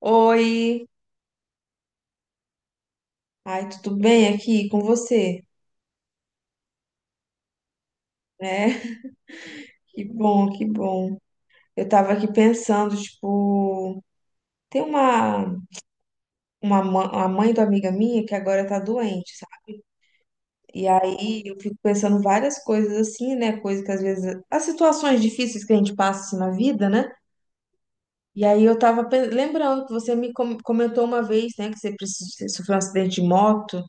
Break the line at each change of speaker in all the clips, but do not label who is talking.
Oi, ai, tudo bem aqui com você? É, que bom, que bom. Eu tava aqui pensando, tipo, tem uma, uma mãe de uma amiga minha que agora tá doente, sabe? E aí eu fico pensando várias coisas assim, né? Coisas que às vezes, as situações difíceis que a gente passa assim, na vida, né? E aí eu tava lembrando que você me comentou uma vez, né, que você sofreu um acidente de moto.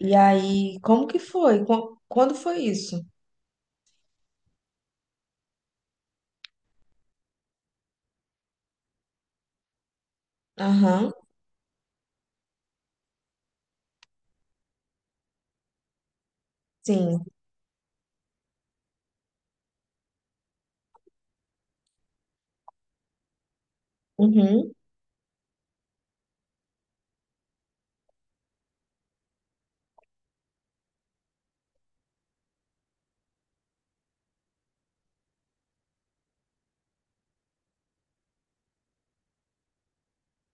E aí, como que foi? Quando foi isso? Aham, sim. Uhum.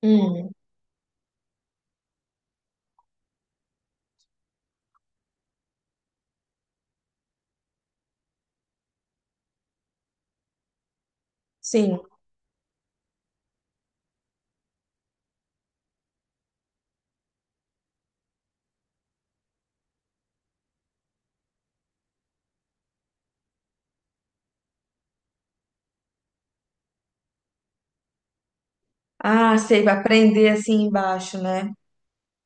Hum. Sim. Ah, sei, vai prender assim embaixo, né?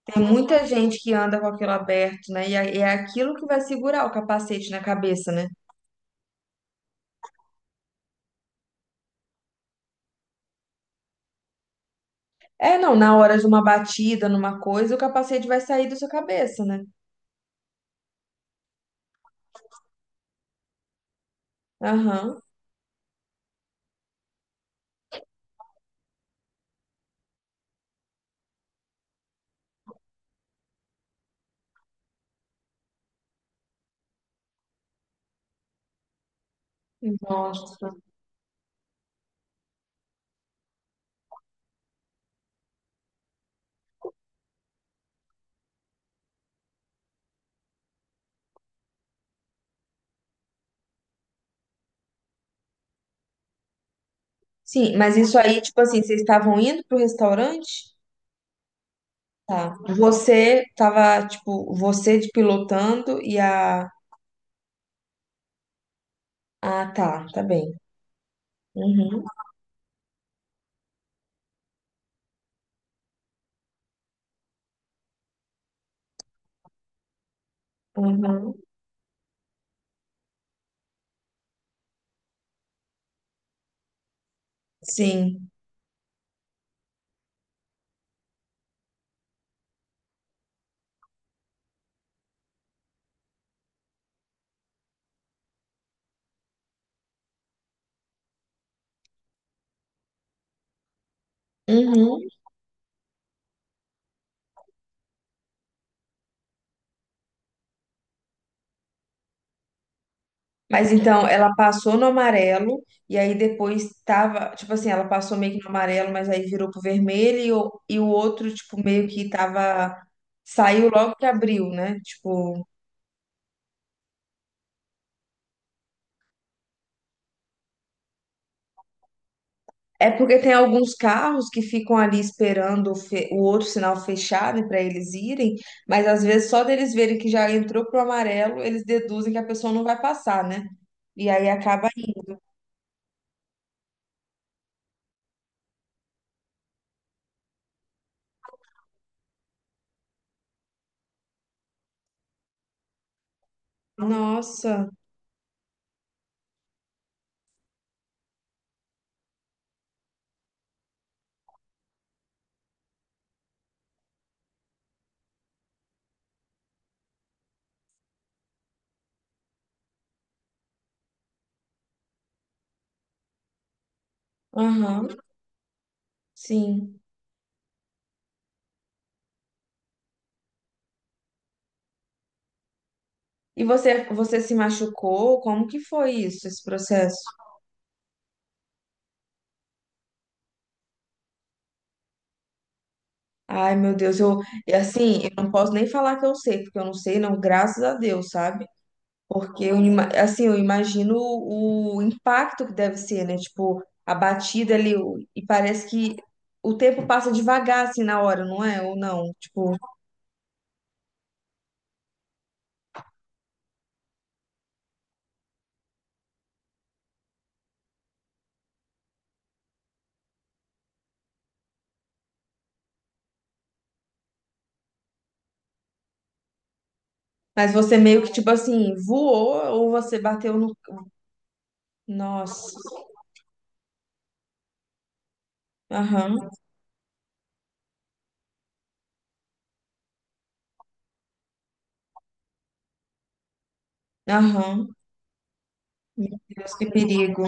Tem muita gente que anda com aquilo aberto, né? E é aquilo que vai segurar o capacete na cabeça, né? É, não, na hora de uma batida, numa coisa, o capacete vai sair da sua cabeça, né? Aham. Nossa. Sim, mas isso aí, tipo assim, vocês estavam indo pro restaurante? Tá. Você tava, tipo, você de pilotando e a. Ah, tá, tá bem. Uhum, uhum. Sim. Uhum. Mas então, ela passou no amarelo e aí depois tava, tipo assim, ela passou meio que no amarelo, mas aí virou pro vermelho e o outro, tipo, meio que tava, saiu logo que abriu, né? Tipo, é porque tem alguns carros que ficam ali esperando o outro sinal fechado para eles irem, mas às vezes só deles verem que já entrou pro amarelo, eles deduzem que a pessoa não vai passar, né? E aí acaba, indo. Nossa, aham, sim. E você, você se machucou? Como que foi isso, esse processo? Ai, meu Deus, eu, e assim, eu não posso nem falar que eu sei, porque eu não sei, não, graças a Deus, sabe? Porque assim, eu imagino o impacto que deve ser, né? Tipo, a batida ali, o- e parece que o tempo passa devagar, assim, na hora, não é? Ou não? Tipo, mas você meio que, tipo assim, voou ou você bateu no. Nossa. Aham, aham. Meu Deus, que perigo.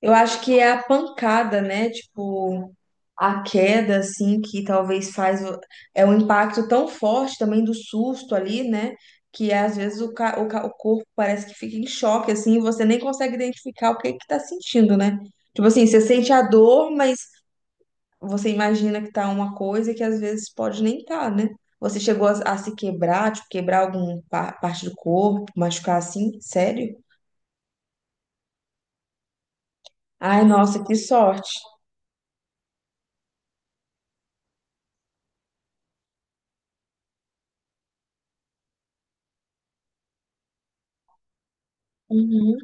Eu acho que é a pancada, né? Tipo, a queda, assim, que talvez faz. O- É um impacto tão forte também do susto ali, né? Que é, às vezes o corpo parece que fica em choque, assim, e você nem consegue identificar o que que tá sentindo, né? Tipo assim, você sente a dor, mas você imagina que tá uma coisa que às vezes pode nem tá, né? Você chegou a se quebrar, tipo, quebrar alguma parte do corpo, machucar assim? Sério? Ai, nossa, que sorte. Uhum.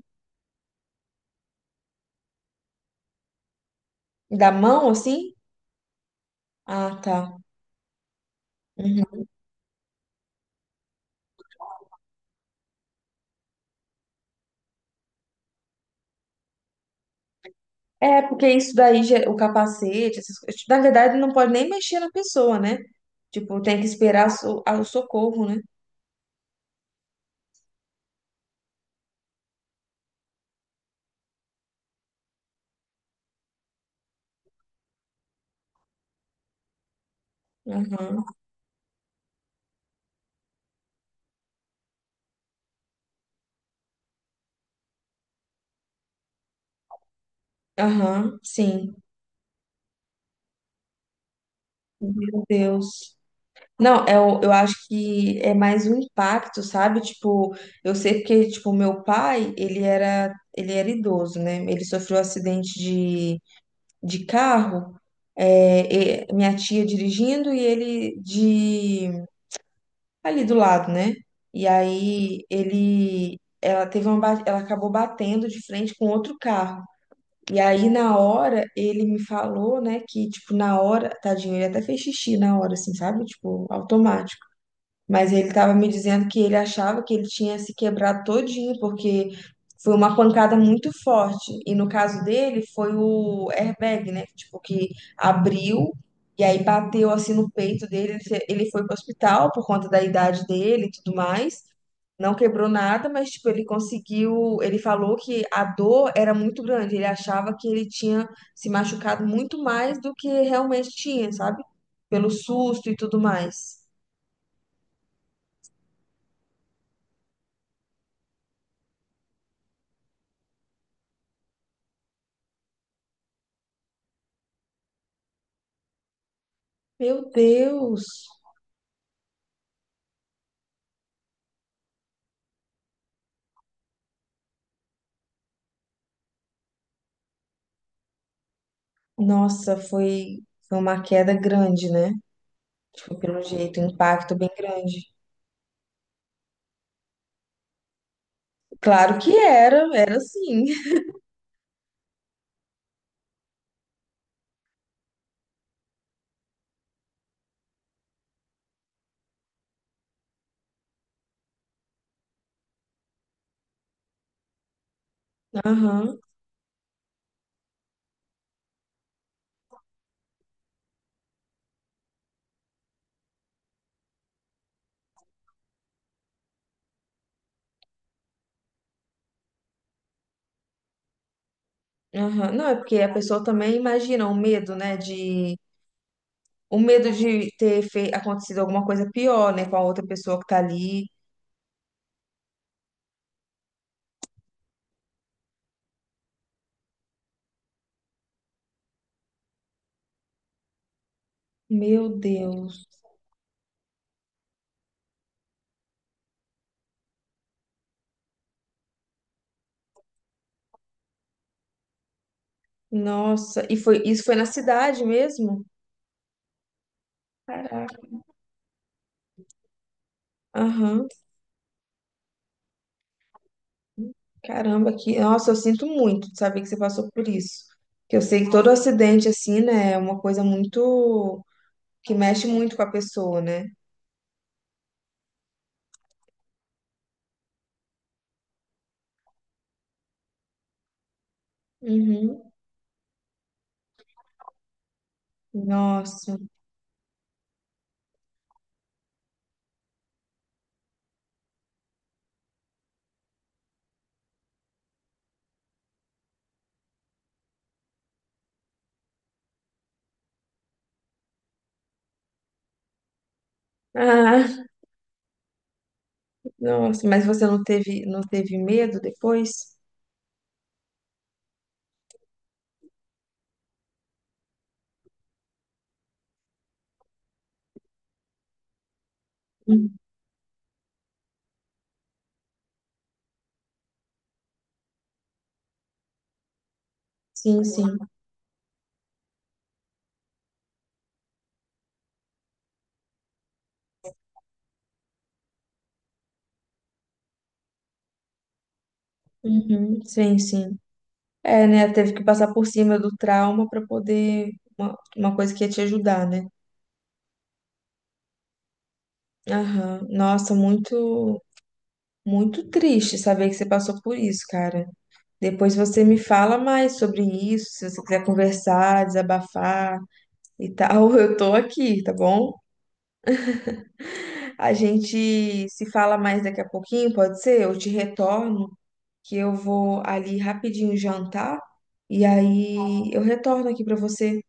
Da mão, assim? Ah, tá. Uhum. É, porque isso daí, o capacete, essas coisas. Na verdade, não pode nem mexer na pessoa, né? Tipo, tem que esperar ah, o socorro, né? Aham, aham, sim. Meu Deus. Não, é, o- eu acho que é mais um impacto, sabe? Tipo, eu sei porque, tipo, meu pai, ele era idoso, né? Ele sofreu um acidente de carro, é, e- minha tia dirigindo e ele de ali do lado, né? E aí ele, ela teve uma, ela acabou batendo de frente com outro carro. E aí na hora ele me falou, né, que tipo na hora, tadinho, ele até fez xixi na hora, assim, sabe? Tipo automático. Mas ele estava me dizendo que ele achava que ele tinha se quebrado todinho, porque foi uma pancada muito forte. E no caso dele, foi o airbag, né? Tipo, que abriu e aí bateu assim no peito dele. Ele foi para o hospital por conta da idade dele e tudo mais. Não quebrou nada, mas tipo, ele conseguiu. Ele falou que a dor era muito grande. Ele achava que ele tinha se machucado muito mais do que realmente tinha, sabe? Pelo susto e tudo mais. Meu Deus! Nossa, foi, foi uma queda grande, né? Tipo, pelo jeito, um impacto bem grande. Claro que era, era sim. Aham, aham. Não, é porque a pessoa também imagina o medo, né? De, o medo de ter acontecido alguma coisa pior, né? Com a outra pessoa que tá ali. Meu Deus. Nossa, e foi, isso foi na cidade mesmo? Caraca. Aham. Caramba, que, nossa, eu sinto muito de saber que você passou por isso. Que eu sei que todo acidente, assim, né, é uma coisa muito, que mexe muito com a pessoa, né? Uhum. Nossa. Ah, nossa, mas você não teve, não teve medo depois? Hum, Sim, sim. Uhum, sim, sim. É, né, teve que passar por cima do trauma para poder, uma coisa que ia te ajudar, né? Aham. Nossa, muito, muito triste saber que você passou por isso, cara. Depois você me fala mais sobre isso, se você quiser conversar, desabafar e tal, eu tô aqui, tá bom? A gente se fala mais daqui a pouquinho, pode ser? Eu te retorno, que eu vou ali rapidinho jantar e aí eu retorno aqui pra você,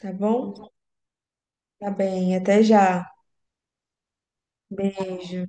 tá bom? Tá bem, até já. Beijo.